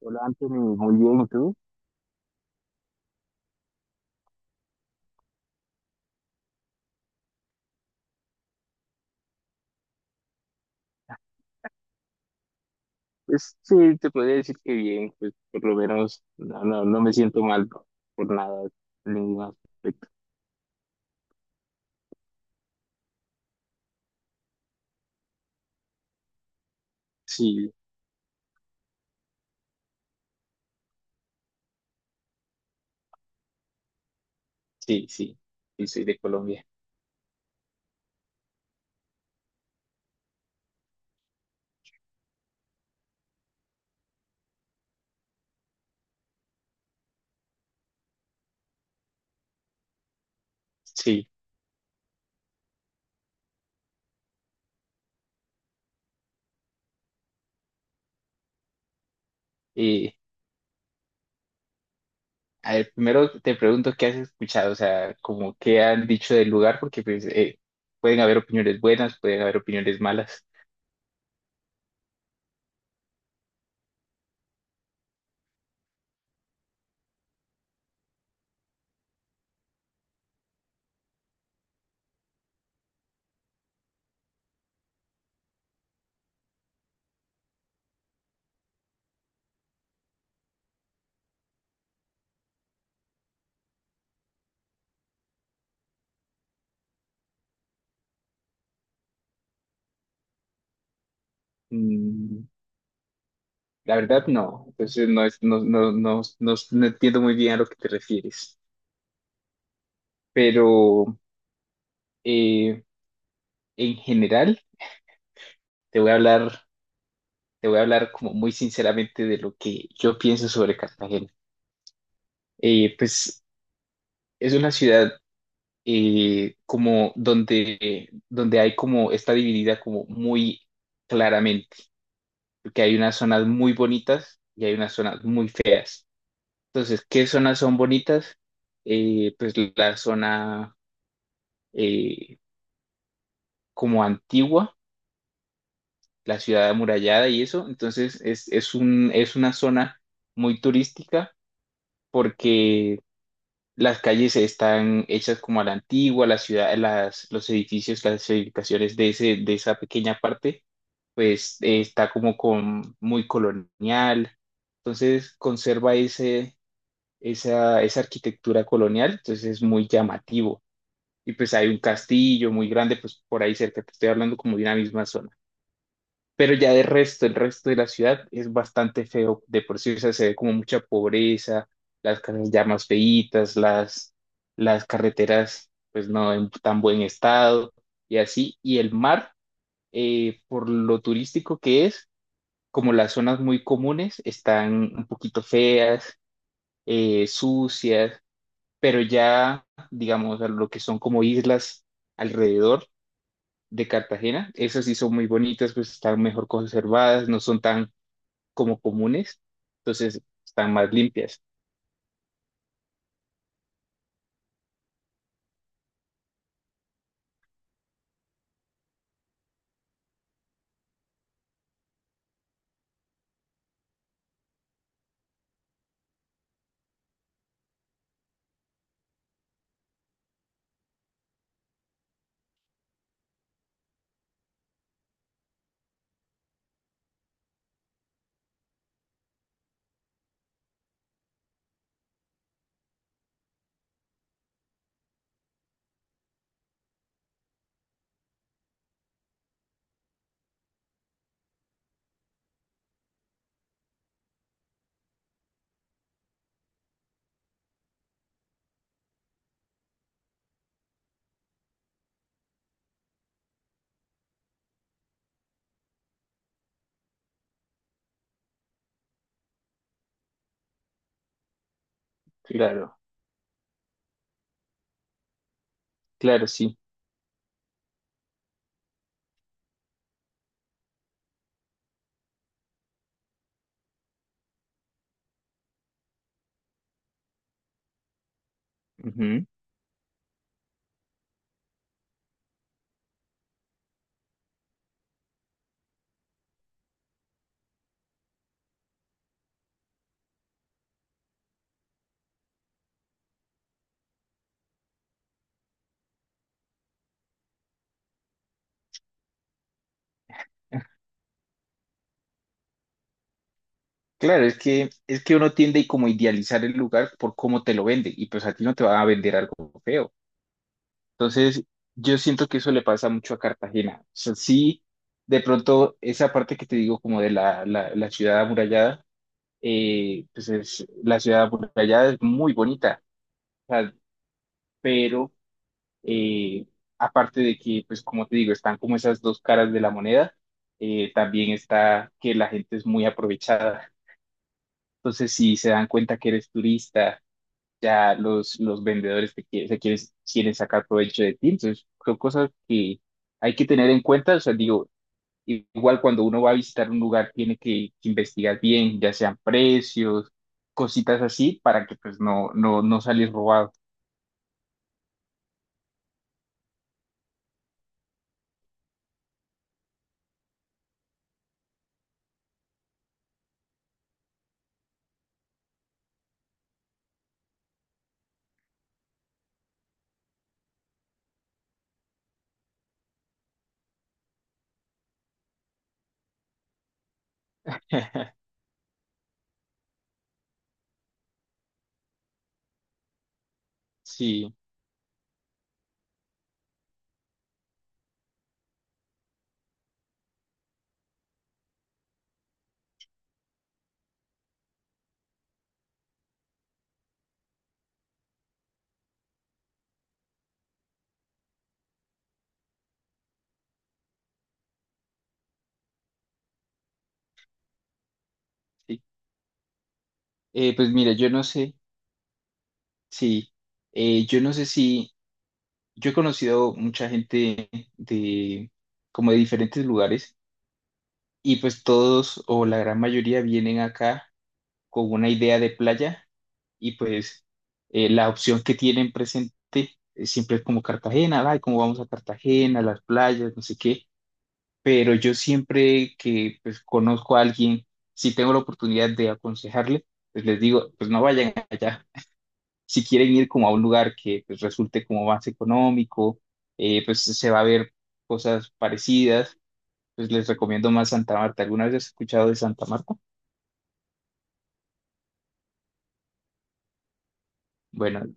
Hola Anthony, muy bien, ¿y tú? Pues sí, te podría decir que bien, pues por lo menos no me siento mal por nada, en ningún aspecto. Sí, sí, sí, sí, soy de Colombia. Sí, y a ver, primero te pregunto qué has escuchado, o sea, como qué han dicho del lugar, porque pues pueden haber opiniones buenas, pueden haber opiniones malas. Mm, la verdad no, entonces no, es, no, no, no, no, no entiendo muy bien a lo que te refieres, pero eh, en general... te voy a hablar, te voy a hablar como muy sinceramente de lo que yo pienso sobre Cartagena. Pues es una ciudad como donde hay como, está dividida como muy claramente, porque hay unas zonas muy bonitas y hay unas zonas muy feas. Entonces, ¿qué zonas son bonitas? Pues la zona eh, como antigua, la ciudad amurallada y eso. Entonces, es una zona muy turística porque las calles están hechas como a la antigua, la ciudad, los edificios, las edificaciones de de esa pequeña parte, pues está como con, muy colonial. Entonces conserva esa arquitectura colonial, entonces es muy llamativo. Y pues hay un castillo muy grande, pues por ahí cerca, te estoy hablando como de una misma zona. Pero ya de resto, el resto de la ciudad es bastante feo de por sí, o sea, se ve como mucha pobreza, las casas ya más feitas, las carreteras pues no en tan buen estado y así, y el mar, por lo turístico que es, como las zonas muy comunes están un poquito feas, sucias, pero ya, digamos, a lo que son como islas alrededor de Cartagena, esas sí son muy bonitas, pues están mejor conservadas, no son tan como comunes, entonces están más limpias. Claro, claro, sí. Ujú. Claro, es que uno tiende y como idealizar el lugar por cómo te lo vende y pues a ti no te va a vender algo feo. Entonces, yo siento que eso le pasa mucho a Cartagena. O sea, sí, de pronto esa parte que te digo como de la ciudad amurallada, pues es, la ciudad amurallada es muy bonita, o sea, pero Eh, aparte de que, pues como te digo, están como esas dos caras de la moneda, también está que la gente es muy aprovechada. Entonces, si se dan cuenta que eres turista, ya los vendedores te quie- se quieren, quieren sacar provecho de ti. Entonces, son cosas que hay que tener en cuenta. O sea, digo, igual cuando uno va a visitar un lugar, que investigar bien, ya sean precios, cositas así, para que pues no salir robado. Sí, sí. Pues mira, yo no sé. Sí, yo no sé si, yo he conocido mucha gente de, como de diferentes lugares y pues todos o la gran mayoría vienen acá con una idea de playa y pues la opción que tienen presente siempre es como Cartagena, ay, cómo vamos a Cartagena, las playas, no sé qué, pero yo siempre que pues conozco a alguien, si tengo la oportunidad de aconsejarle, pues les digo, pues no vayan allá. Si quieren ir como a un lugar que pues resulte como más económico, pues se va a ver cosas parecidas, pues les recomiendo más Santa Marta. ¿Alguna vez has escuchado de Santa Marta? Bueno,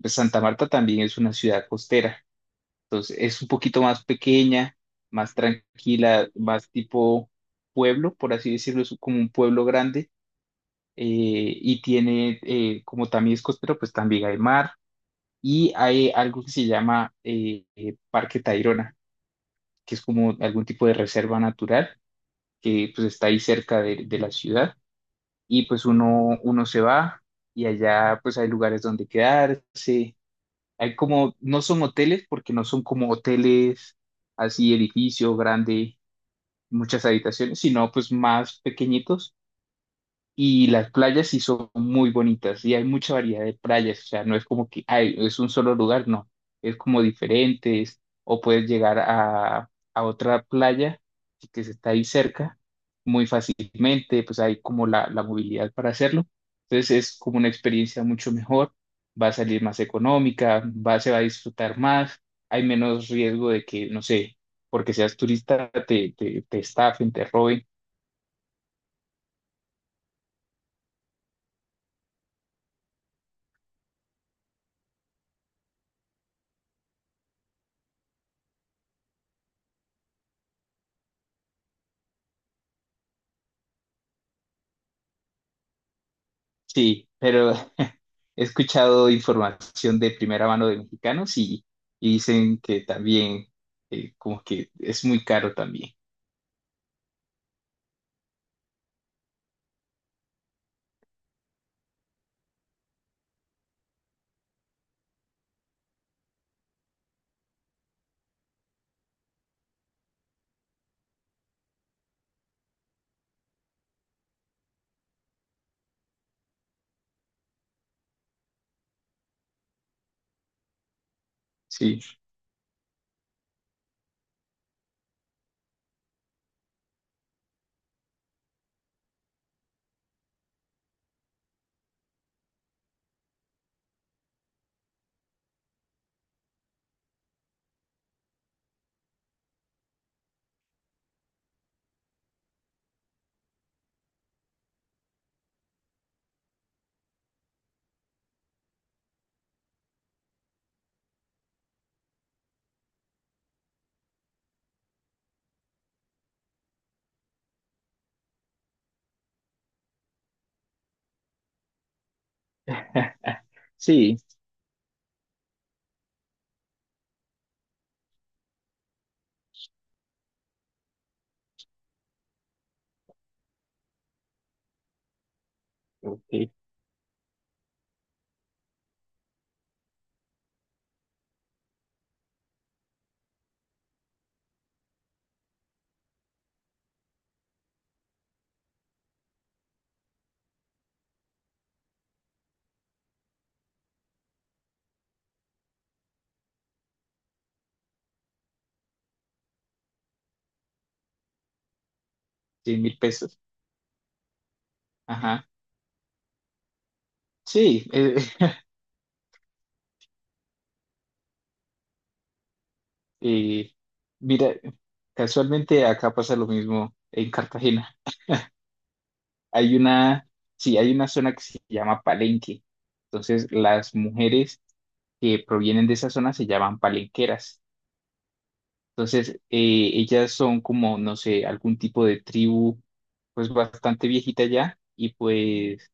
pues Santa Marta también es una ciudad costera, entonces es un poquito más pequeña, más tranquila, más tipo pueblo, por así decirlo, es como un pueblo grande. eh, y tiene, como también es costero, pues también hay mar y hay algo que se llama Parque Tayrona, que es como algún tipo de reserva natural que pues está ahí cerca de la ciudad y pues uno se va y allá pues hay lugares donde quedarse, hay como, no son hoteles porque no son como hoteles así edificio grande, muchas habitaciones, sino pues más pequeñitos y las playas sí son muy bonitas y hay mucha variedad de playas, o sea, no es como que ay, es un solo lugar, no, es como diferentes o puedes llegar a otra playa que está ahí cerca muy fácilmente, pues hay como la movilidad para hacerlo, entonces es como una experiencia mucho mejor, va a salir más económica, va, se va a disfrutar más, hay menos riesgo de que, no sé, porque seas turista, te estafen, te roben. Sí, pero he escuchado información de primera mano de mexicanos y dicen que también, como que es muy caro también. Sí, sí, ok, 100 mil pesos. Ajá, sí. Eh, mira, casualmente acá pasa lo mismo en Cartagena. Hay una, sí, hay una zona que se llama Palenque. Entonces, las mujeres que provienen de esa zona se llaman palenqueras. Entonces, ellas son como, no sé, algún tipo de tribu, pues bastante viejita ya, y pues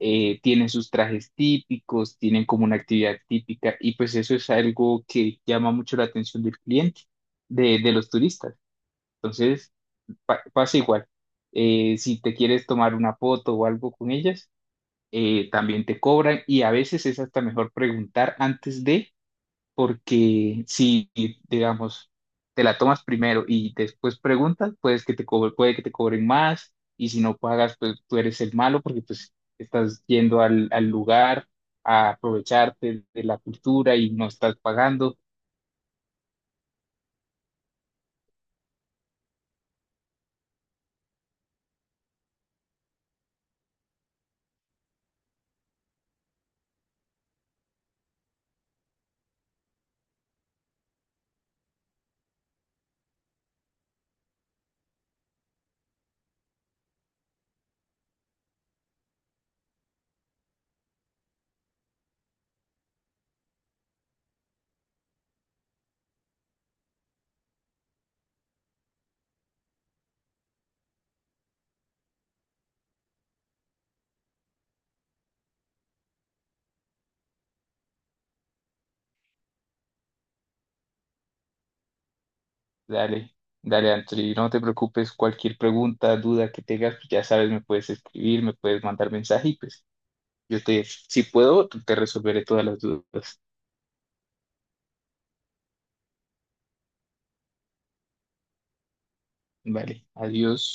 tienen sus trajes típicos, tienen como una actividad típica, y pues eso es algo que llama mucho la atención del cliente, de los turistas. Entonces, pa- pasa igual. Si te quieres tomar una foto o algo con ellas, también te cobran, y a veces es hasta mejor preguntar antes de porque si, digamos, te la tomas primero y después preguntas, pues que te co- puede que te cobren más y si no pagas, pues tú eres el malo porque pues estás yendo al, al lugar a aprovecharte de la cultura y no estás pagando. Dale, dale, Anthony, no te preocupes, cualquier pregunta, duda que tengas, pues ya sabes, me puedes escribir, me puedes mandar mensaje y pues yo te, si puedo, te resolveré todas las dudas. Vale, adiós.